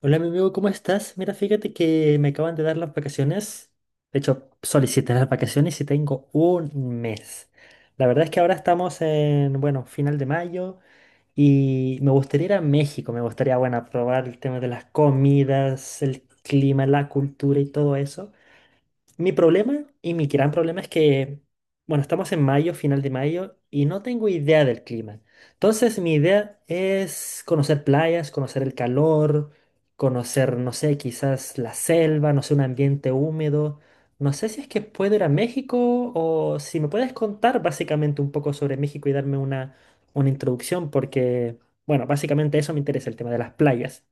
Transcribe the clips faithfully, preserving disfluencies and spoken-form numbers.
Hola, mi amigo, ¿cómo estás? Mira, fíjate que me acaban de dar las vacaciones. De hecho, solicité las vacaciones y tengo un mes. La verdad es que ahora estamos en, bueno, final de mayo y me gustaría ir a México. Me gustaría, bueno, probar el tema de las comidas, el clima, la cultura y todo eso. Mi problema y mi gran problema es que, bueno, estamos en mayo, final de mayo, y no tengo idea del clima. Entonces, mi idea es conocer playas, conocer el calor, conocer, no sé, quizás la selva, no sé, un ambiente húmedo. No sé si es que puedo ir a México o si me puedes contar básicamente un poco sobre México y darme una, una introducción, porque, bueno, básicamente eso me interesa, el tema de las playas.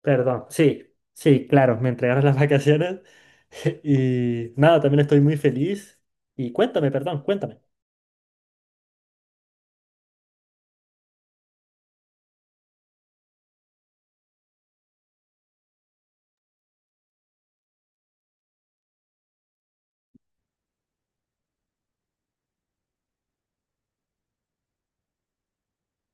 Perdón, sí, sí, claro, me entregaron las vacaciones y nada, también estoy muy feliz. Y cuéntame, perdón, cuéntame.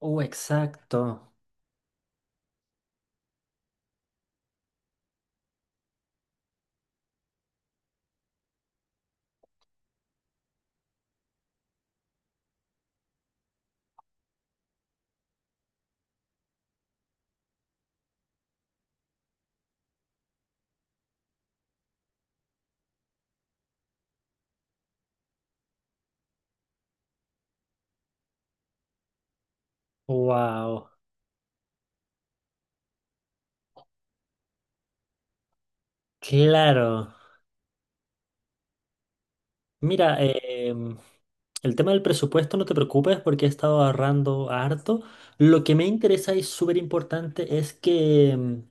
Oh, exacto. Wow, claro. Mira, em, el tema del presupuesto no te preocupes porque he estado ahorrando harto. Lo que me interesa y súper importante es que em,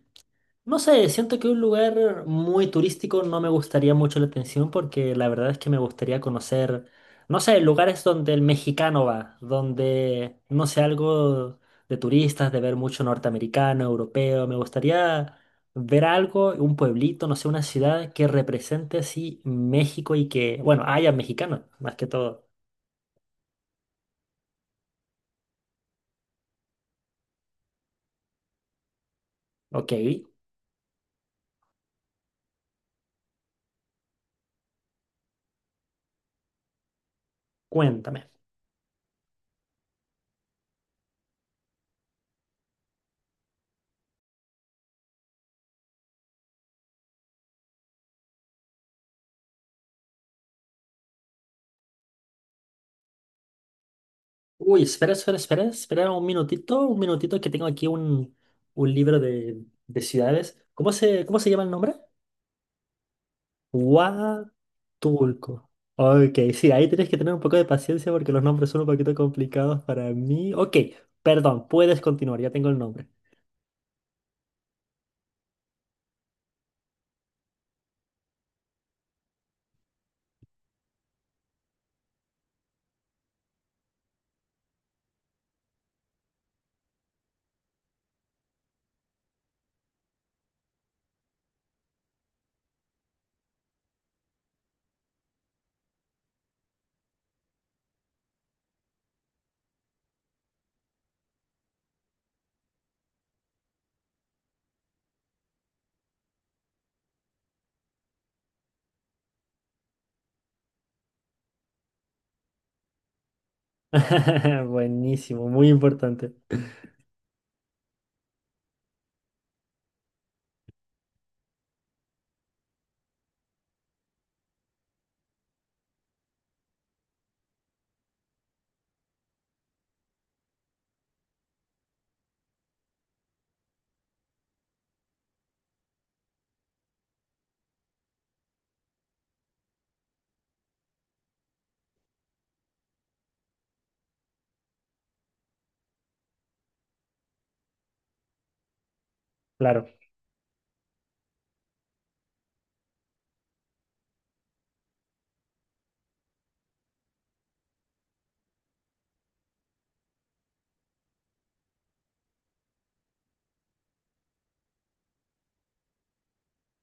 No sé, siento que un lugar muy turístico no me gustaría mucho la atención porque la verdad es que me gustaría conocer, no sé, lugares donde el mexicano va, donde, no sé, algo de turistas, de ver mucho norteamericano, europeo. Me gustaría ver algo, un pueblito, no sé, una ciudad que represente así México y que, bueno, haya mexicanos, más que todo. Ok, cuéntame. Uy, espera, espera, espera, espera un minutito, un minutito que tengo aquí un, un libro de, de ciudades. ¿Cómo se, cómo se llama el nombre? Huatulco. Ok, sí, ahí tienes que tener un poco de paciencia porque los nombres son un poquito complicados para mí. Ok, perdón, puedes continuar, ya tengo el nombre. Buenísimo, muy importante. Claro,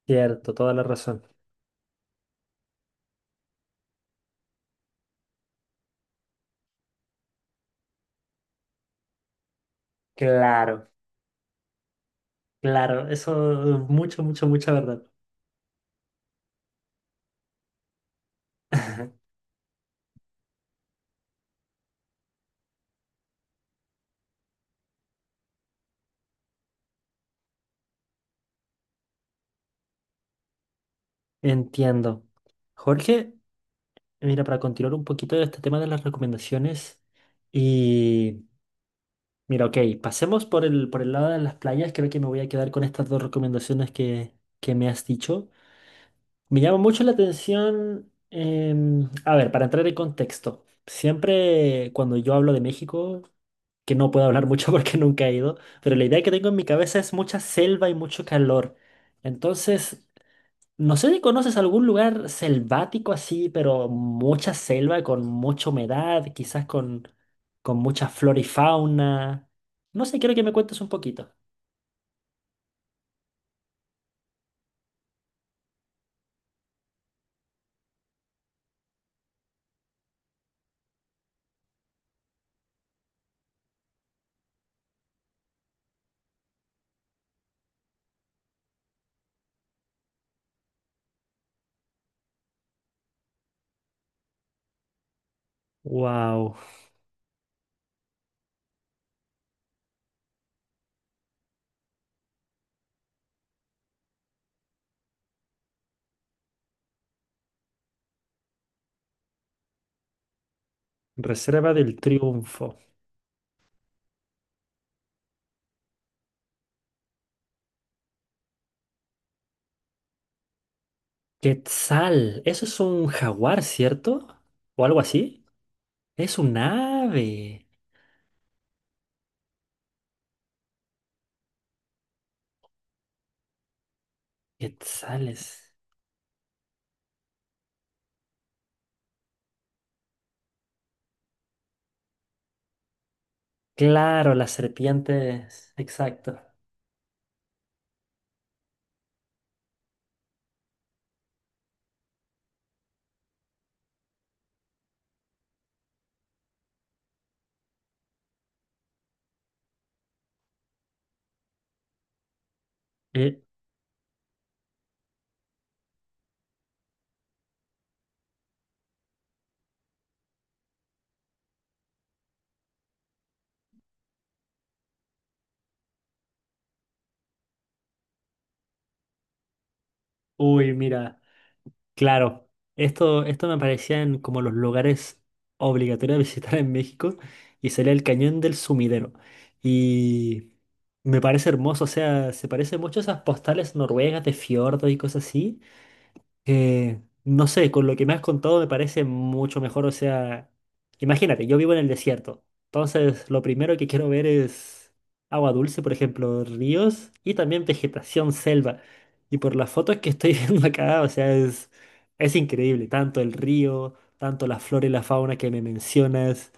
cierto, toda la razón. Claro, claro, eso, mucho, mucho, mucha verdad. Entiendo. Jorge. Mira, para continuar un poquito de este tema de las recomendaciones y mira, ok, pasemos por el, por el lado de las playas, creo que me voy a quedar con estas dos recomendaciones que, que me has dicho. Me llama mucho la atención, em, a ver, para entrar en contexto, siempre cuando yo hablo de México, que no puedo hablar mucho porque nunca he ido, pero la idea que tengo en mi cabeza es mucha selva y mucho calor. Entonces, no sé si conoces algún lugar selvático así, pero mucha selva, con mucha humedad, quizás con, con mucha flora y fauna. No sé, quiero que me cuentes un poquito. Wow, Reserva del Triunfo. Quetzal, eso es un jaguar, ¿cierto? ¿O algo así? Es un ave. Quetzales. Claro, las serpientes. Exacto. Eh, uy, mira. Claro, esto, esto me parecían como los lugares obligatorios de visitar en México y sería el Cañón del Sumidero. Y me parece hermoso, o sea, se parece mucho a esas postales noruegas de fiordos y cosas así. Eh, no sé, con lo que me has contado me parece mucho mejor. O sea, imagínate, yo vivo en el desierto. Entonces, lo primero que quiero ver es agua dulce, por ejemplo, ríos y también vegetación selva. Y por las fotos que estoy viendo acá, o sea, es, es increíble. Tanto el río, tanto la flora y la fauna que me mencionas.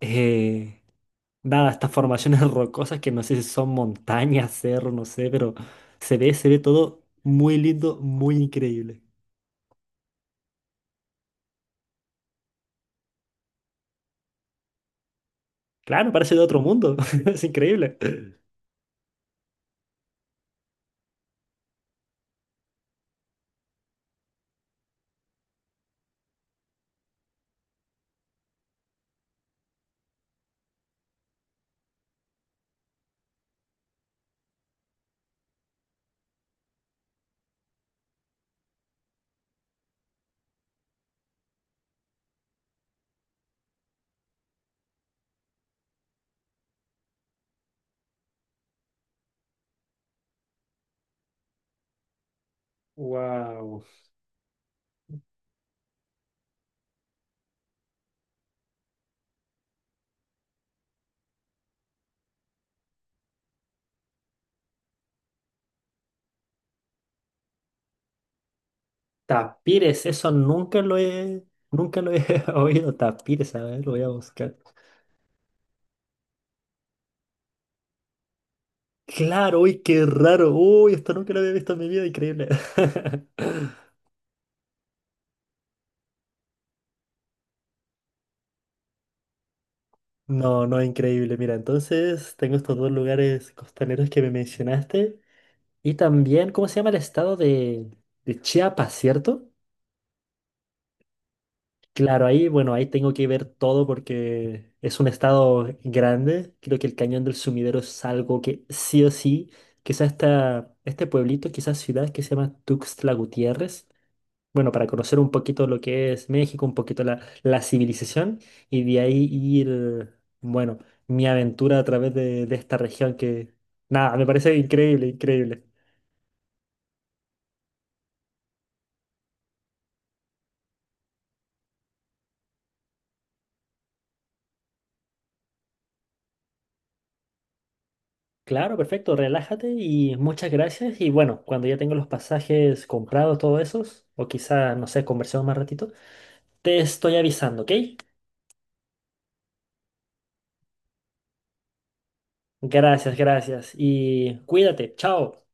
Eh, nada, estas formaciones rocosas que no sé si son montañas, cerros, no sé, pero se ve, se ve todo muy lindo, muy increíble. Claro, parece de otro mundo. Es increíble. Wow. Tapires, eso nunca lo he, nunca lo he oído. Tapires, a ver, lo voy a buscar. Claro, uy, qué raro. Uy, esto nunca lo había visto en mi vida, increíble. No, no, increíble. Mira, entonces tengo estos dos lugares costaneros que me mencionaste. Y también, ¿cómo se llama el estado de, de Chiapas, cierto? Claro, ahí, bueno, ahí tengo que ver todo porque es un estado grande. Creo que el Cañón del Sumidero es algo que sí o sí, quizás esta, este pueblito, quizás ciudad que se llama Tuxtla Gutiérrez. Bueno, para conocer un poquito lo que es México, un poquito la, la civilización y de ahí ir, bueno, mi aventura a través de, de esta región que, nada, me parece increíble, increíble. Claro, perfecto, relájate y muchas gracias. Y bueno, cuando ya tengo los pasajes comprados, todos esos, o quizá, no sé, conversemos más ratito, te estoy avisando, ¿ok? Gracias, gracias. Y cuídate, chao.